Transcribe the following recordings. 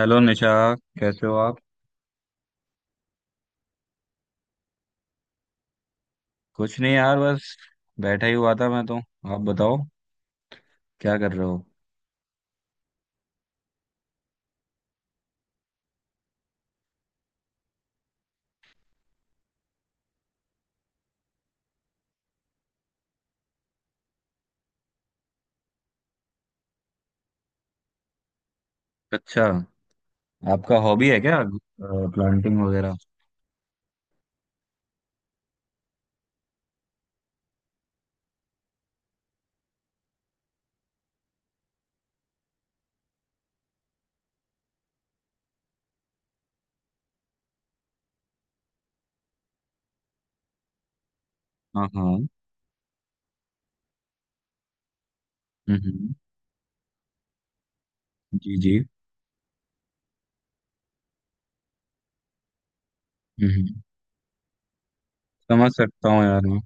Hello Nisha. कैसे हो आप? कुछ नहीं यार, बस बैठा ही हुआ था मैं तो। आप बताओ, क्या कर रहे हो? अच्छा, आपका हॉबी है क्या? प्लांटिंग वगैरह? हाँ, हाँ। हम्म। जी, जी। हम्म। समझ सकता हूँ यार मैं,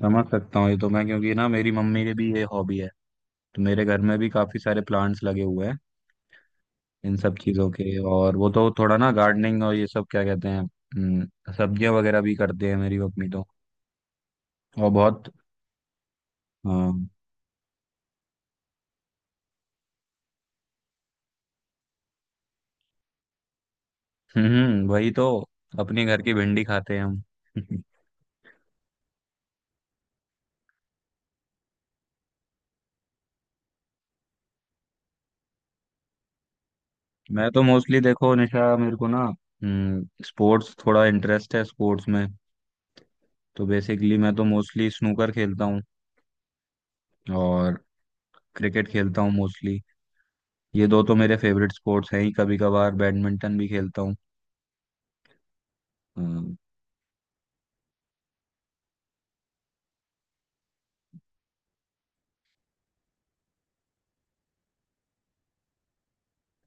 समझ सकता हूँ ये तो मैं, क्योंकि ना मेरी मम्मी की भी ये हॉबी है। तो मेरे घर में भी काफी सारे प्लांट्स लगे हुए हैं इन सब चीजों के। और वो तो थोड़ा ना गार्डनिंग और ये सब क्या कहते हैं, सब्जियां वगैरह भी करते हैं मेरी मम्मी तो। और बहुत। हाँ। वही तो। अपने घर की भिंडी खाते हैं हम। मैं तो मोस्टली, देखो निशा, मेरे को ना स्पोर्ट्स थोड़ा इंटरेस्ट है स्पोर्ट्स में। तो बेसिकली मैं तो मोस्टली स्नूकर खेलता हूँ। और क्रिकेट खेलता हूँ मोस्टली। ये दो तो मेरे फेवरेट स्पोर्ट्स हैं ही। कभी कभार बैडमिंटन भी खेलता हूँ। अम,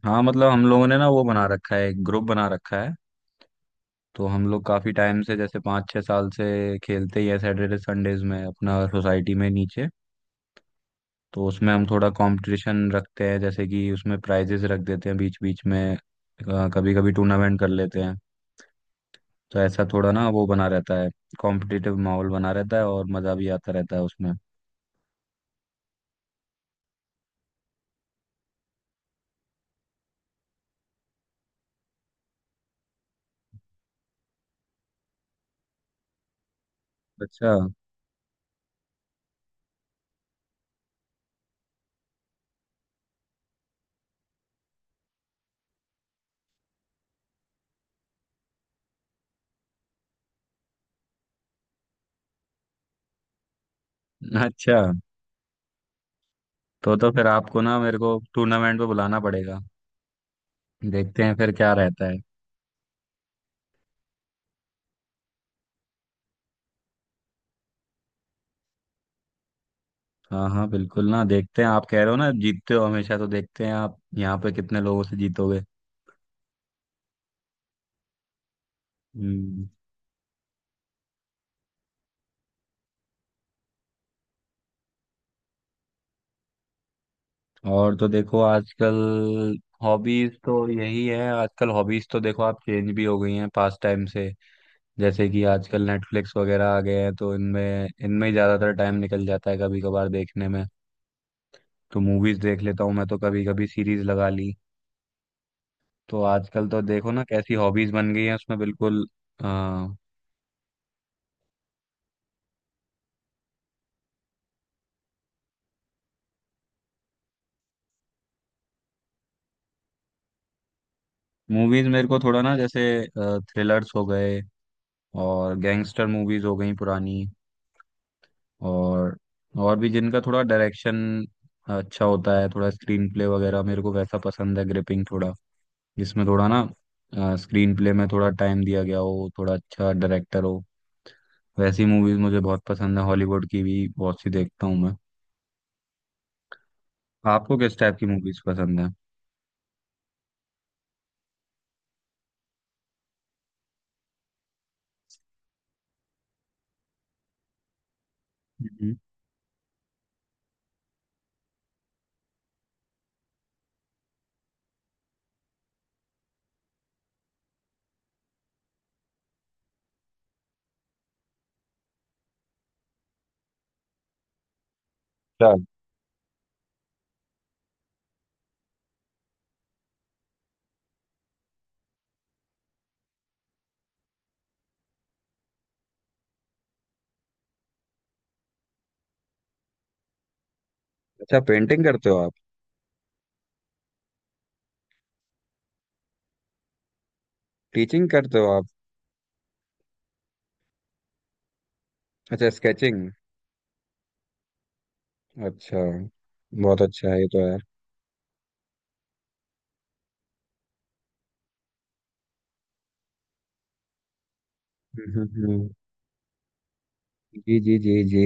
हाँ, मतलब हम लोगों ने ना वो बना रखा है, एक ग्रुप बना रखा है। तो हम लोग काफी टाइम से, जैसे 5-6 साल से खेलते ही है सैटरडे संडेज में अपना सोसाइटी में नीचे। तो उसमें हम थोड़ा कंपटीशन रखते हैं, जैसे कि उसमें प्राइजेस रख देते हैं बीच बीच में। कभी कभी टूर्नामेंट कर लेते हैं। तो ऐसा थोड़ा ना वो बना रहता है, कॉम्पिटिटिव माहौल बना रहता है और मज़ा भी आता रहता है उसमें। अच्छा। अच्छा, तो फिर आपको ना मेरे को टूर्नामेंट पे बुलाना पड़ेगा। देखते हैं फिर क्या रहता है। हाँ, हाँ, बिल्कुल ना, देखते हैं। आप कह रहे हो ना जीतते हो हमेशा, तो देखते हैं आप यहाँ पे कितने लोगों से जीतोगे। हम्म, और तो देखो आजकल हॉबीज तो यही है। आजकल हॉबीज तो देखो आप चेंज भी हो गई हैं पास टाइम से। जैसे कि आजकल नेटफ्लिक्स वगैरह आ गए हैं, तो इनमें इनमें ही ज्यादातर टाइम निकल जाता है, कभी कभार देखने में। तो मूवीज देख लेता हूँ मैं तो, कभी कभी सीरीज लगा ली। तो आजकल तो देखो ना, कैसी हॉबीज बन गई हैं उसमें बिल्कुल। आ, मूवीज मेरे को थोड़ा ना, जैसे थ्रिलर्स हो गए और गैंगस्टर मूवीज हो गई पुरानी। और और भी जिनका थोड़ा डायरेक्शन अच्छा होता है, थोड़ा स्क्रीन प्ले वगैरह, मेरे को वैसा पसंद है, ग्रिपिंग थोड़ा, जिसमें थोड़ा ना स्क्रीन प्ले में थोड़ा टाइम दिया गया हो, थोड़ा अच्छा डायरेक्टर हो। वैसी मूवीज मुझे बहुत पसंद है। हॉलीवुड की भी बहुत सी देखता हूँ मैं। आपको किस टाइप की मूवीज पसंद है? हम्म। अच्छा। अच्छा, पेंटिंग करते हो आप? टीचिंग करते हो आप? अच्छा, स्केचिंग। अच्छा। बहुत अच्छा है ये तो यार। हम्म, हम्म, हम्म। जी, जी, जी, जी।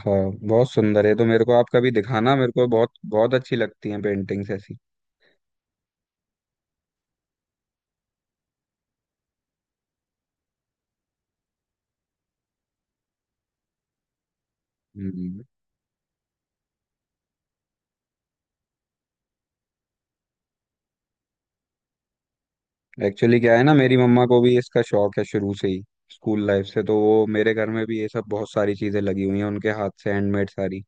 हाँ। बहुत सुंदर है तो, मेरे को आप कभी दिखाना, मेरे को बहुत बहुत अच्छी लगती हैं पेंटिंग्स ऐसी। हम्म। एक्चुअली क्या है ना, मेरी मम्मा को भी इसका शौक है शुरू से ही, स्कूल लाइफ से। तो वो मेरे घर में भी ये सब बहुत सारी चीजें लगी हुई हैं उनके हाथ से, हैंडमेड सारी।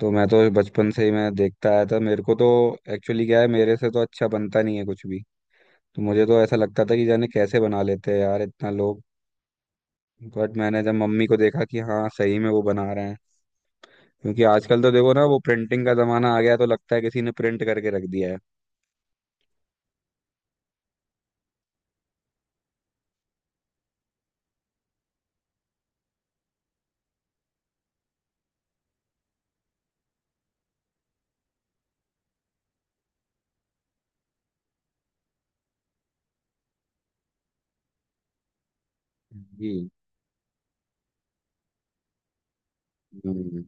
तो मैं तो बचपन से ही मैं देखता आया था मेरे को तो। एक्चुअली क्या है, मेरे से तो अच्छा बनता नहीं है कुछ भी। तो मुझे तो ऐसा लगता था कि जाने कैसे बना लेते हैं यार इतना लोग। बट मैंने जब मम्मी को देखा कि हाँ, सही में वो बना रहे हैं, क्योंकि आजकल तो देखो ना, वो प्रिंटिंग का जमाना आ गया, तो लगता है किसी ने प्रिंट करके रख दिया है। जी। हम्म,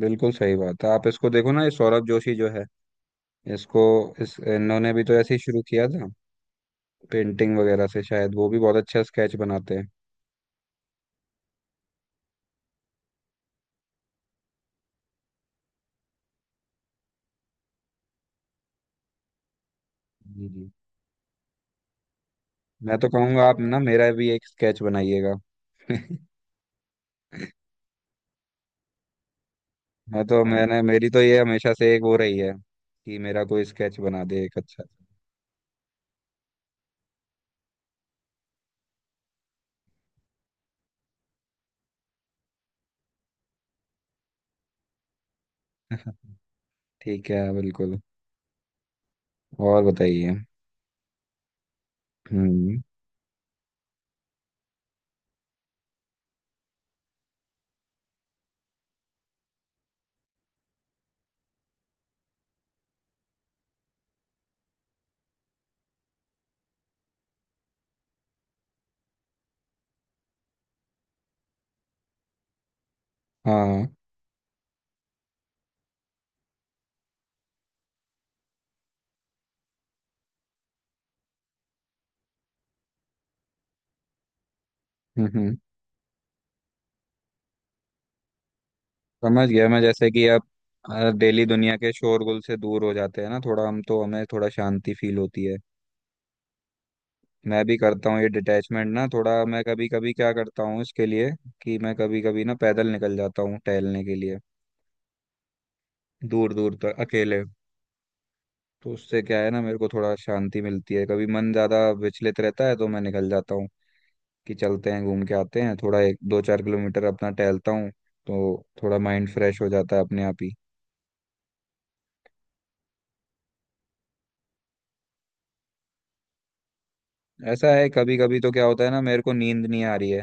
बिल्कुल सही बात है। आप इसको देखो ना, ये सौरभ जोशी जो है, इसको, इस इन्होंने भी तो ऐसे ही शुरू किया था, पेंटिंग वगैरह से शायद। वो भी बहुत अच्छा स्केच बनाते हैं। जी, जी। मैं तो कहूंगा आप ना मेरा भी एक स्केच बनाइएगा। मैंने, मेरी तो ये हमेशा से एक वो रही है कि मेरा कोई स्केच बना दे एक अच्छा सा। ठीक है, बिल्कुल। और बताइए। हम्म। हाँ, हम्म, समझ गया मैं, जैसे कि आप डेली दुनिया के शोरगुल से दूर हो जाते हैं ना थोड़ा, हम तो हमें थोड़ा शांति फील होती है। मैं भी करता हूँ ये डिटैचमेंट ना थोड़ा। मैं कभी कभी क्या करता हूँ इसके लिए, कि मैं कभी कभी ना पैदल निकल जाता हूँ टहलने के लिए, दूर दूर तक अकेले। तो उससे क्या है ना, मेरे को थोड़ा शांति मिलती है। कभी मन ज़्यादा विचलित रहता है तो मैं निकल जाता हूँ कि चलते हैं घूम के आते हैं थोड़ा, एक दो चार किलोमीटर अपना टहलता हूँ। तो थोड़ा माइंड फ्रेश हो जाता है अपने आप ही। ऐसा है कभी कभी तो क्या होता है ना, मेरे को नींद नहीं आ रही है,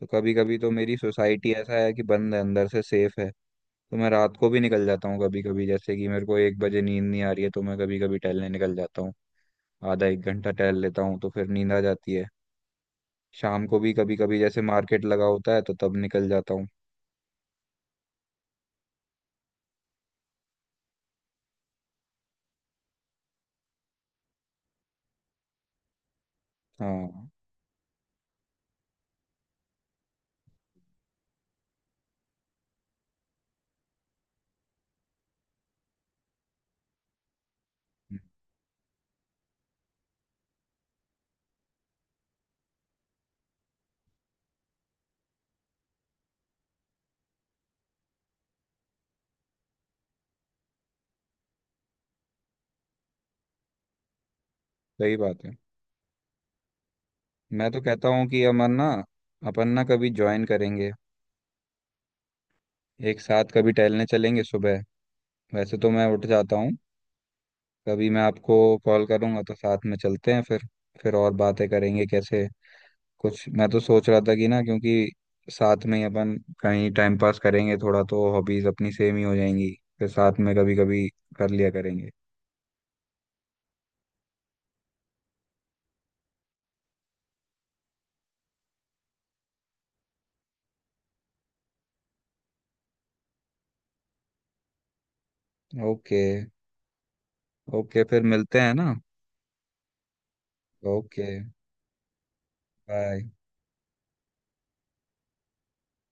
तो कभी कभी तो मेरी सोसाइटी ऐसा है कि बंद है अंदर से, सेफ है, तो मैं रात को भी निकल जाता हूँ कभी कभी। जैसे कि मेरे को 1 बजे नींद नहीं आ रही है, तो मैं कभी कभी टहलने निकल जाता हूँ, आधा एक घंटा टहल लेता हूँ, तो फिर नींद आ जाती है। शाम को भी कभी कभी, जैसे मार्केट लगा होता है तो तब निकल जाता हूँ। हाँ, सही बात है। मैं तो कहता हूँ कि अमन ना, अपन ना कभी ज्वाइन करेंगे, एक साथ कभी टहलने चलेंगे सुबह। वैसे तो मैं उठ जाता हूँ। कभी मैं आपको कॉल करूँगा तो साथ में चलते हैं फिर, और बातें करेंगे कैसे। कुछ मैं तो सोच रहा था कि ना, क्योंकि साथ में ही अपन कहीं टाइम पास करेंगे थोड़ा, तो हॉबीज अपनी सेम ही हो जाएंगी, फिर साथ में कभी कभी कर लिया करेंगे। ओके। ओके, फिर मिलते हैं ना? ओके। बाय।